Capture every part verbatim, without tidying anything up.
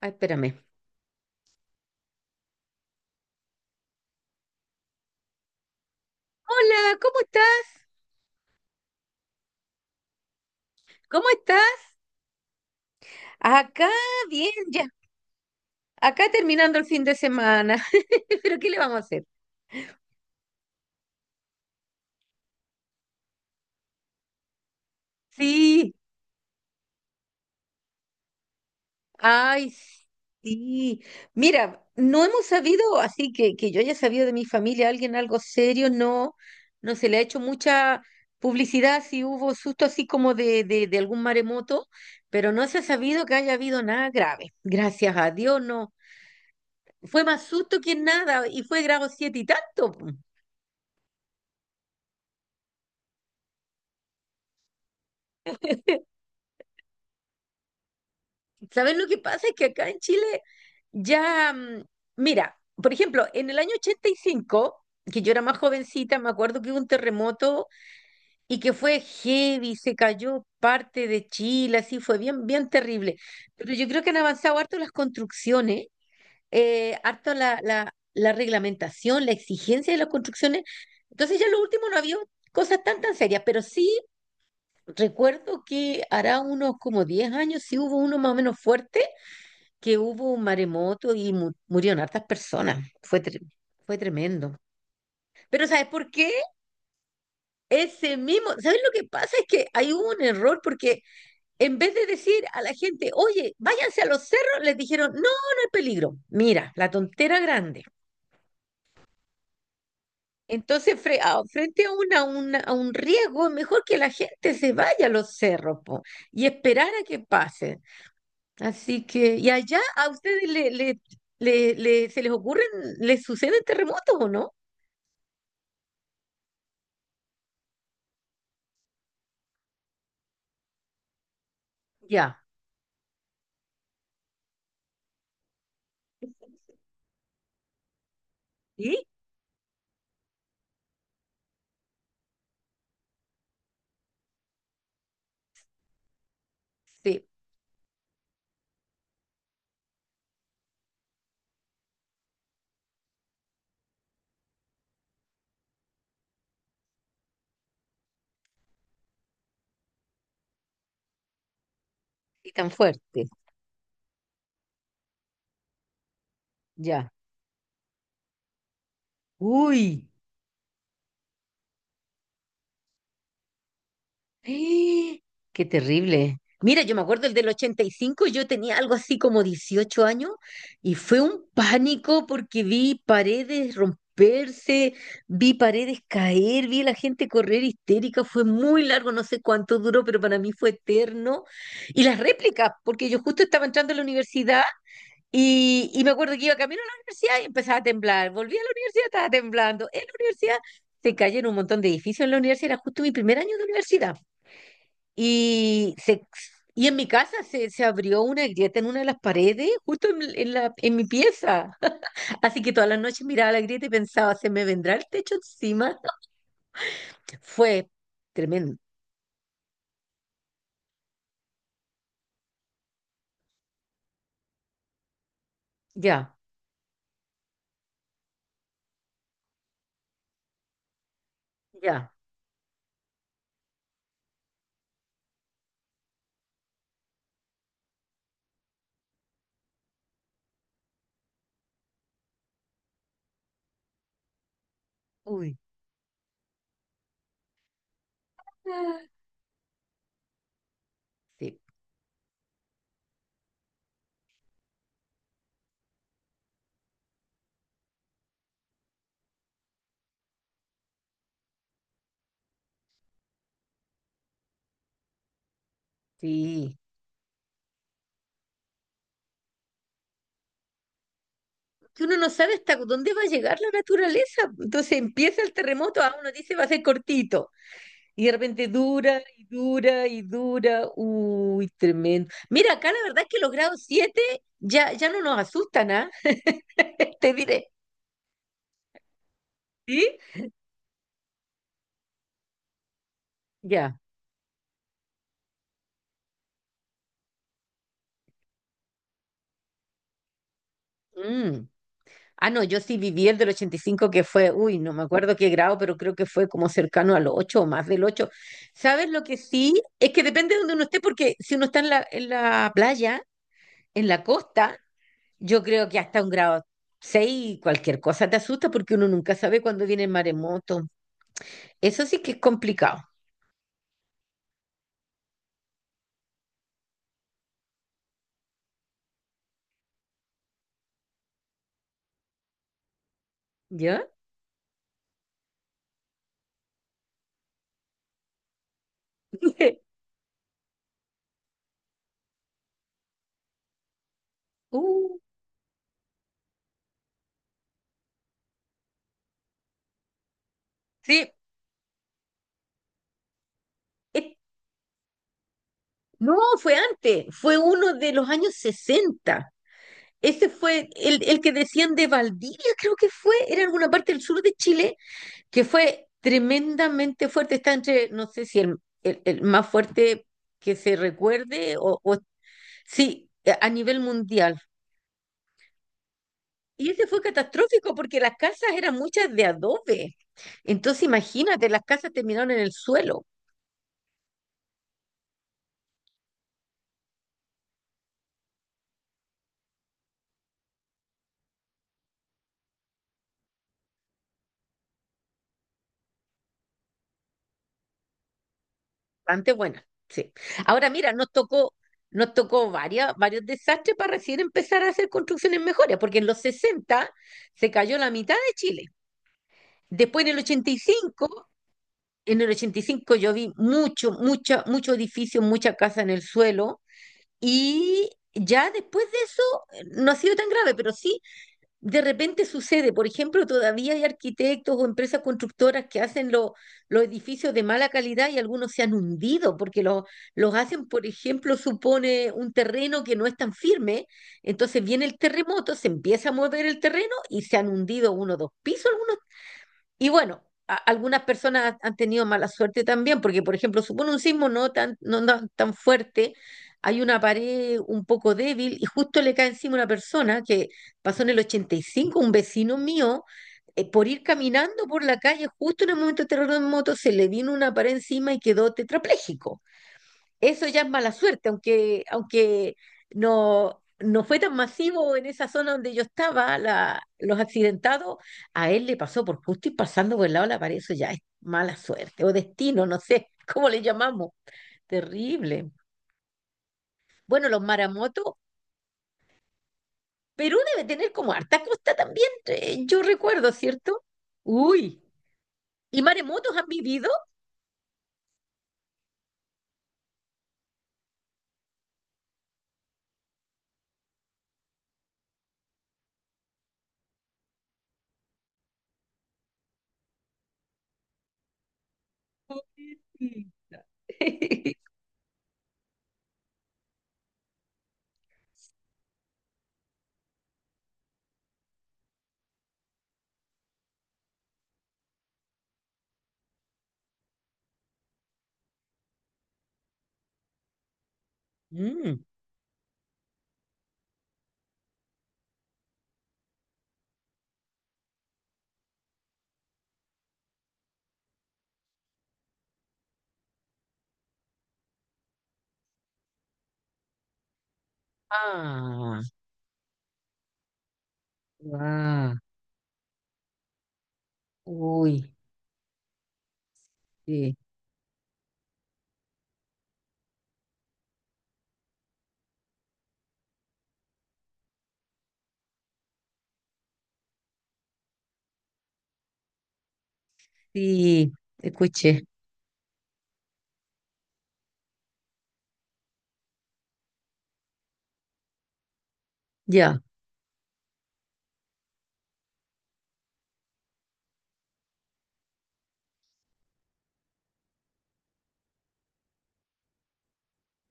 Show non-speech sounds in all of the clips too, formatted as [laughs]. Ay, espérame. Hola, ¿cómo estás? ¿Cómo estás? Acá, bien, ya. Acá terminando el fin de semana. [laughs] Pero ¿qué le vamos a hacer? Sí, ay, sí. Mira, no hemos sabido, así que, que yo haya sabido de mi familia, alguien algo serio, no, no se le ha hecho mucha publicidad, si hubo susto así como de, de, de algún maremoto, pero no se ha sabido que haya habido nada grave. Gracias a Dios, no. Fue más susto que nada y fue grado siete y tanto. ¿Sabes lo que pasa? Es que acá en Chile ya, mm, mira, por ejemplo, en el año ochenta y cinco que yo era más jovencita, me acuerdo que hubo un terremoto y que fue heavy, se cayó parte de Chile, así fue bien, bien terrible. Pero yo creo que han avanzado harto las construcciones, eh, harto la, la, la reglamentación, la exigencia de las construcciones. Entonces ya en lo último no había cosas tan tan serias, pero sí recuerdo que hará unos como diez años sí hubo uno más o menos fuerte que hubo un maremoto y mu- murieron hartas personas. Fue, tre- fue tremendo. Pero ¿sabes por qué? Ese mismo. ¿Sabes lo que pasa? Es que hay un error porque en vez de decir a la gente, oye, váyanse a los cerros, les dijeron, no, no hay peligro. Mira, la tontera grande. Entonces, fre- a- frente a, una, una- a un riesgo, es mejor que la gente se vaya a los cerros po, y esperar a que pase. Así que, ¿y allá a ustedes le, le- le- le- se les ocurren, les suceden terremotos o no? Ya. Sí. Sí, y tan fuerte. Ya. Uy, ¡eh! qué terrible. Mira, yo me acuerdo el del ochenta y cinco, yo tenía algo así como dieciocho años y fue un pánico porque vi paredes romperse, vi paredes caer, vi a la gente correr histérica, fue muy largo, no sé cuánto duró, pero para mí fue eterno. Y las réplicas, porque yo justo estaba entrando a la universidad. Y, y me acuerdo que iba camino a la universidad y empezaba a temblar. Volví a la universidad, estaba temblando. En la universidad se cayeron un montón de edificios en la universidad. Era justo mi primer año de universidad. Y, se, y en mi casa se, se abrió una grieta en una de las paredes, justo en, en la, en mi pieza. [laughs] Así que todas las noches miraba la grieta y pensaba, ¿se me vendrá el techo encima? Fue tremendo. Ya, ya. Uy. Ah, sí, sí. Que uno no sabe hasta dónde va a llegar la naturaleza. Entonces empieza el terremoto, ah, uno dice va a ser cortito, y de repente dura y dura y dura. Uy, tremendo. Mira, acá la verdad es que los grados siete ya, ya no nos asustan, ¿ah? [laughs] Te diré, ¿sí? Ya. Mm. Ah, no, yo sí viví el del ochenta y cinco que fue, uy, no me acuerdo qué grado, pero creo que fue como cercano al ocho o más del ocho. ¿Sabes lo que sí? Es que depende de donde uno esté, porque si uno está en la, en la playa, en la costa, yo creo que hasta un grado seis cualquier cosa te asusta porque uno nunca sabe cuándo viene el maremoto. Eso sí que es complicado, ¿ya? [laughs] Uh, sí. Eh, no, fue antes, fue uno de los años sesenta. Ese fue el, el que decían de Valdivia, creo que fue, era alguna parte del sur de Chile, que fue tremendamente fuerte. Está entre, no sé si el, el- el más fuerte que se recuerde o, o sí, a a nivel mundial. Y ese fue catastrófico porque las casas eran muchas de adobe. Entonces, imagínate, las casas terminaron en el suelo. Bastante buena, sí. Ahora mira, nos tocó, nos tocó varias, varios desastres para recién empezar a hacer construcciones mejores, porque en los sesenta se cayó la mitad de Chile. Después en el ochenta y cinco, en el ochenta y cinco yo vi mucho, mucha, mucho edificio, mucha casa en el suelo. Y ya después de eso eh, no ha sido tan grave, pero sí de repente sucede. Por ejemplo, todavía hay arquitectos o empresas constructoras que hacen lo- los edificios de mala calidad y algunos se han hundido porque los, los hacen, por ejemplo, supone un terreno que no es tan firme. Entonces viene el terremoto, se empieza a mover el terreno y se han hundido uno o dos pisos algunos y bueno, a- algunas personas han tenido mala suerte también, porque, por ejemplo, supone un sismo no tan, no, no tan fuerte, hay una pared un poco débil y justo le cae encima una persona. Que pasó en el ochenta y cinco, un vecino mío, eh, por ir caminando por la calle, justo en el momento del terremoto, se le vino una pared encima y quedó tetrapléjico. Eso ya es mala suerte, aunque, aunque, no, no fue tan masivo en esa zona donde yo estaba, la, los accidentados, a él le pasó por justo y pasando por el lado de la pared, eso ya es mala suerte o destino, no sé [laughs] cómo le llamamos, terrible. Bueno, los maramotos, Perú debe tener como harta costa también, eh, yo recuerdo, ¿cierto? Uy, ¿y maremotos han vivido? Sí. [laughs] Mm. Ah, ah, uy, sí. Sí, escuché. Ya.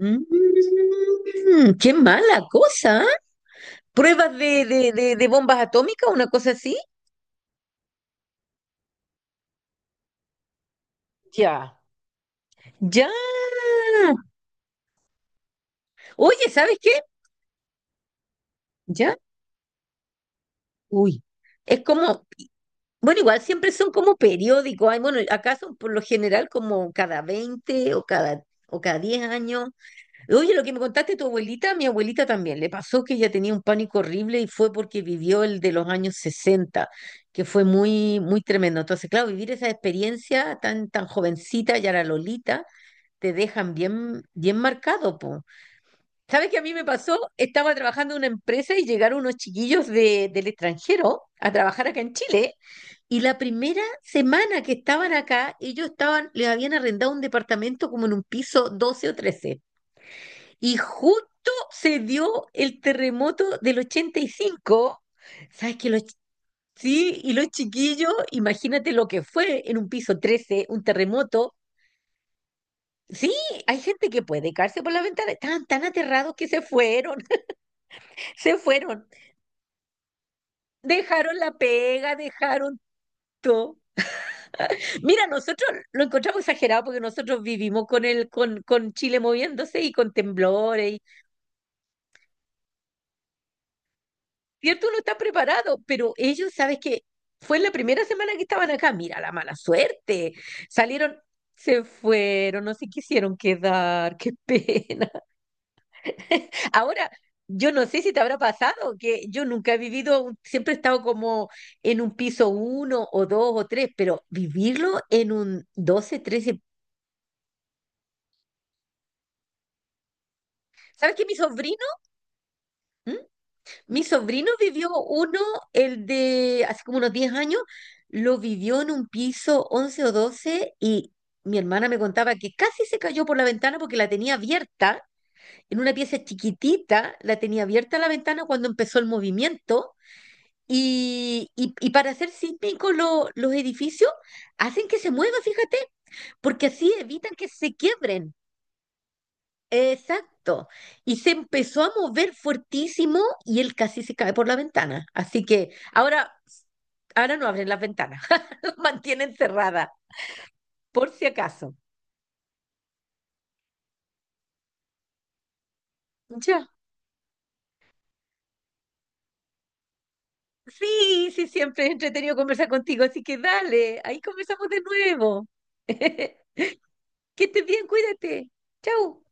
Mm, qué mala cosa, ¿ah? ¿Pruebas de, de, de, de bombas atómicas, una cosa así? Ya. Ya. Oye, ¿sabes qué? Ya. Uy. Es como, bueno, igual siempre son como periódicos. Ay, bueno, acá son por lo general como cada veinte o cada, o cada diez años. Oye, lo que me contaste tu abuelita, mi abuelita también, le pasó que ella tenía un pánico horrible y fue porque vivió el de los años sesenta, que fue muy, muy tremendo. Entonces, claro, vivir esa experiencia tan, tan jovencita, ya la Lolita, te dejan bien, bien marcado, po. ¿Sabes qué a mí me pasó? Estaba trabajando en una empresa y llegaron unos chiquillos de, del extranjero a trabajar acá en Chile y la primera semana que estaban acá, ellos estaban, les habían arrendado un departamento como en un piso doce o trece. Y justo se dio el terremoto del ochenta y cinco. ¿Sabes que Los, ch- sí? Y los chiquillos, imagínate lo que fue en un piso trece un terremoto. Sí, hay gente que puede caerse por la ventana. Estaban tan aterrados que se fueron, [laughs] se fueron. Dejaron la pega, dejaron todo. Mira, nosotros lo encontramos exagerado porque nosotros vivimos con el, con, con Chile moviéndose y con temblores. Cierto, uno está preparado, pero ellos, ¿sabes qué? Fue en la primera semana que estaban acá. Mira, la mala suerte. Salieron, se fueron, no se quisieron quedar. Qué pena. [laughs] Ahora, yo no sé si te habrá pasado, que yo nunca he vivido, un- siempre he estado como en un piso uno o dos o tres, pero vivirlo en un doce trece. ¿Sabes qué? Mi sobrino. ¿Mm? Mi sobrino vivió uno, el de hace como unos diez años, lo vivió en un piso once o doce y mi hermana me contaba que casi se cayó por la ventana porque la tenía abierta, en una pieza chiquitita, la tenía abierta la ventana cuando empezó el movimiento y, y- y para hacer sísmicos lo- los edificios hacen que se mueva, fíjate, porque así evitan que se quiebren. Exacto. Y se empezó a mover fuertísimo y él casi se cae por la ventana. Así que ahora, ahora no abren las ventanas, [laughs] mantienen cerrada, por si acaso. Ya. Sí, sí, siempre es entretenido conversar contigo, así que dale, ahí conversamos de nuevo. [laughs] Que estés bien, cuídate. Chau.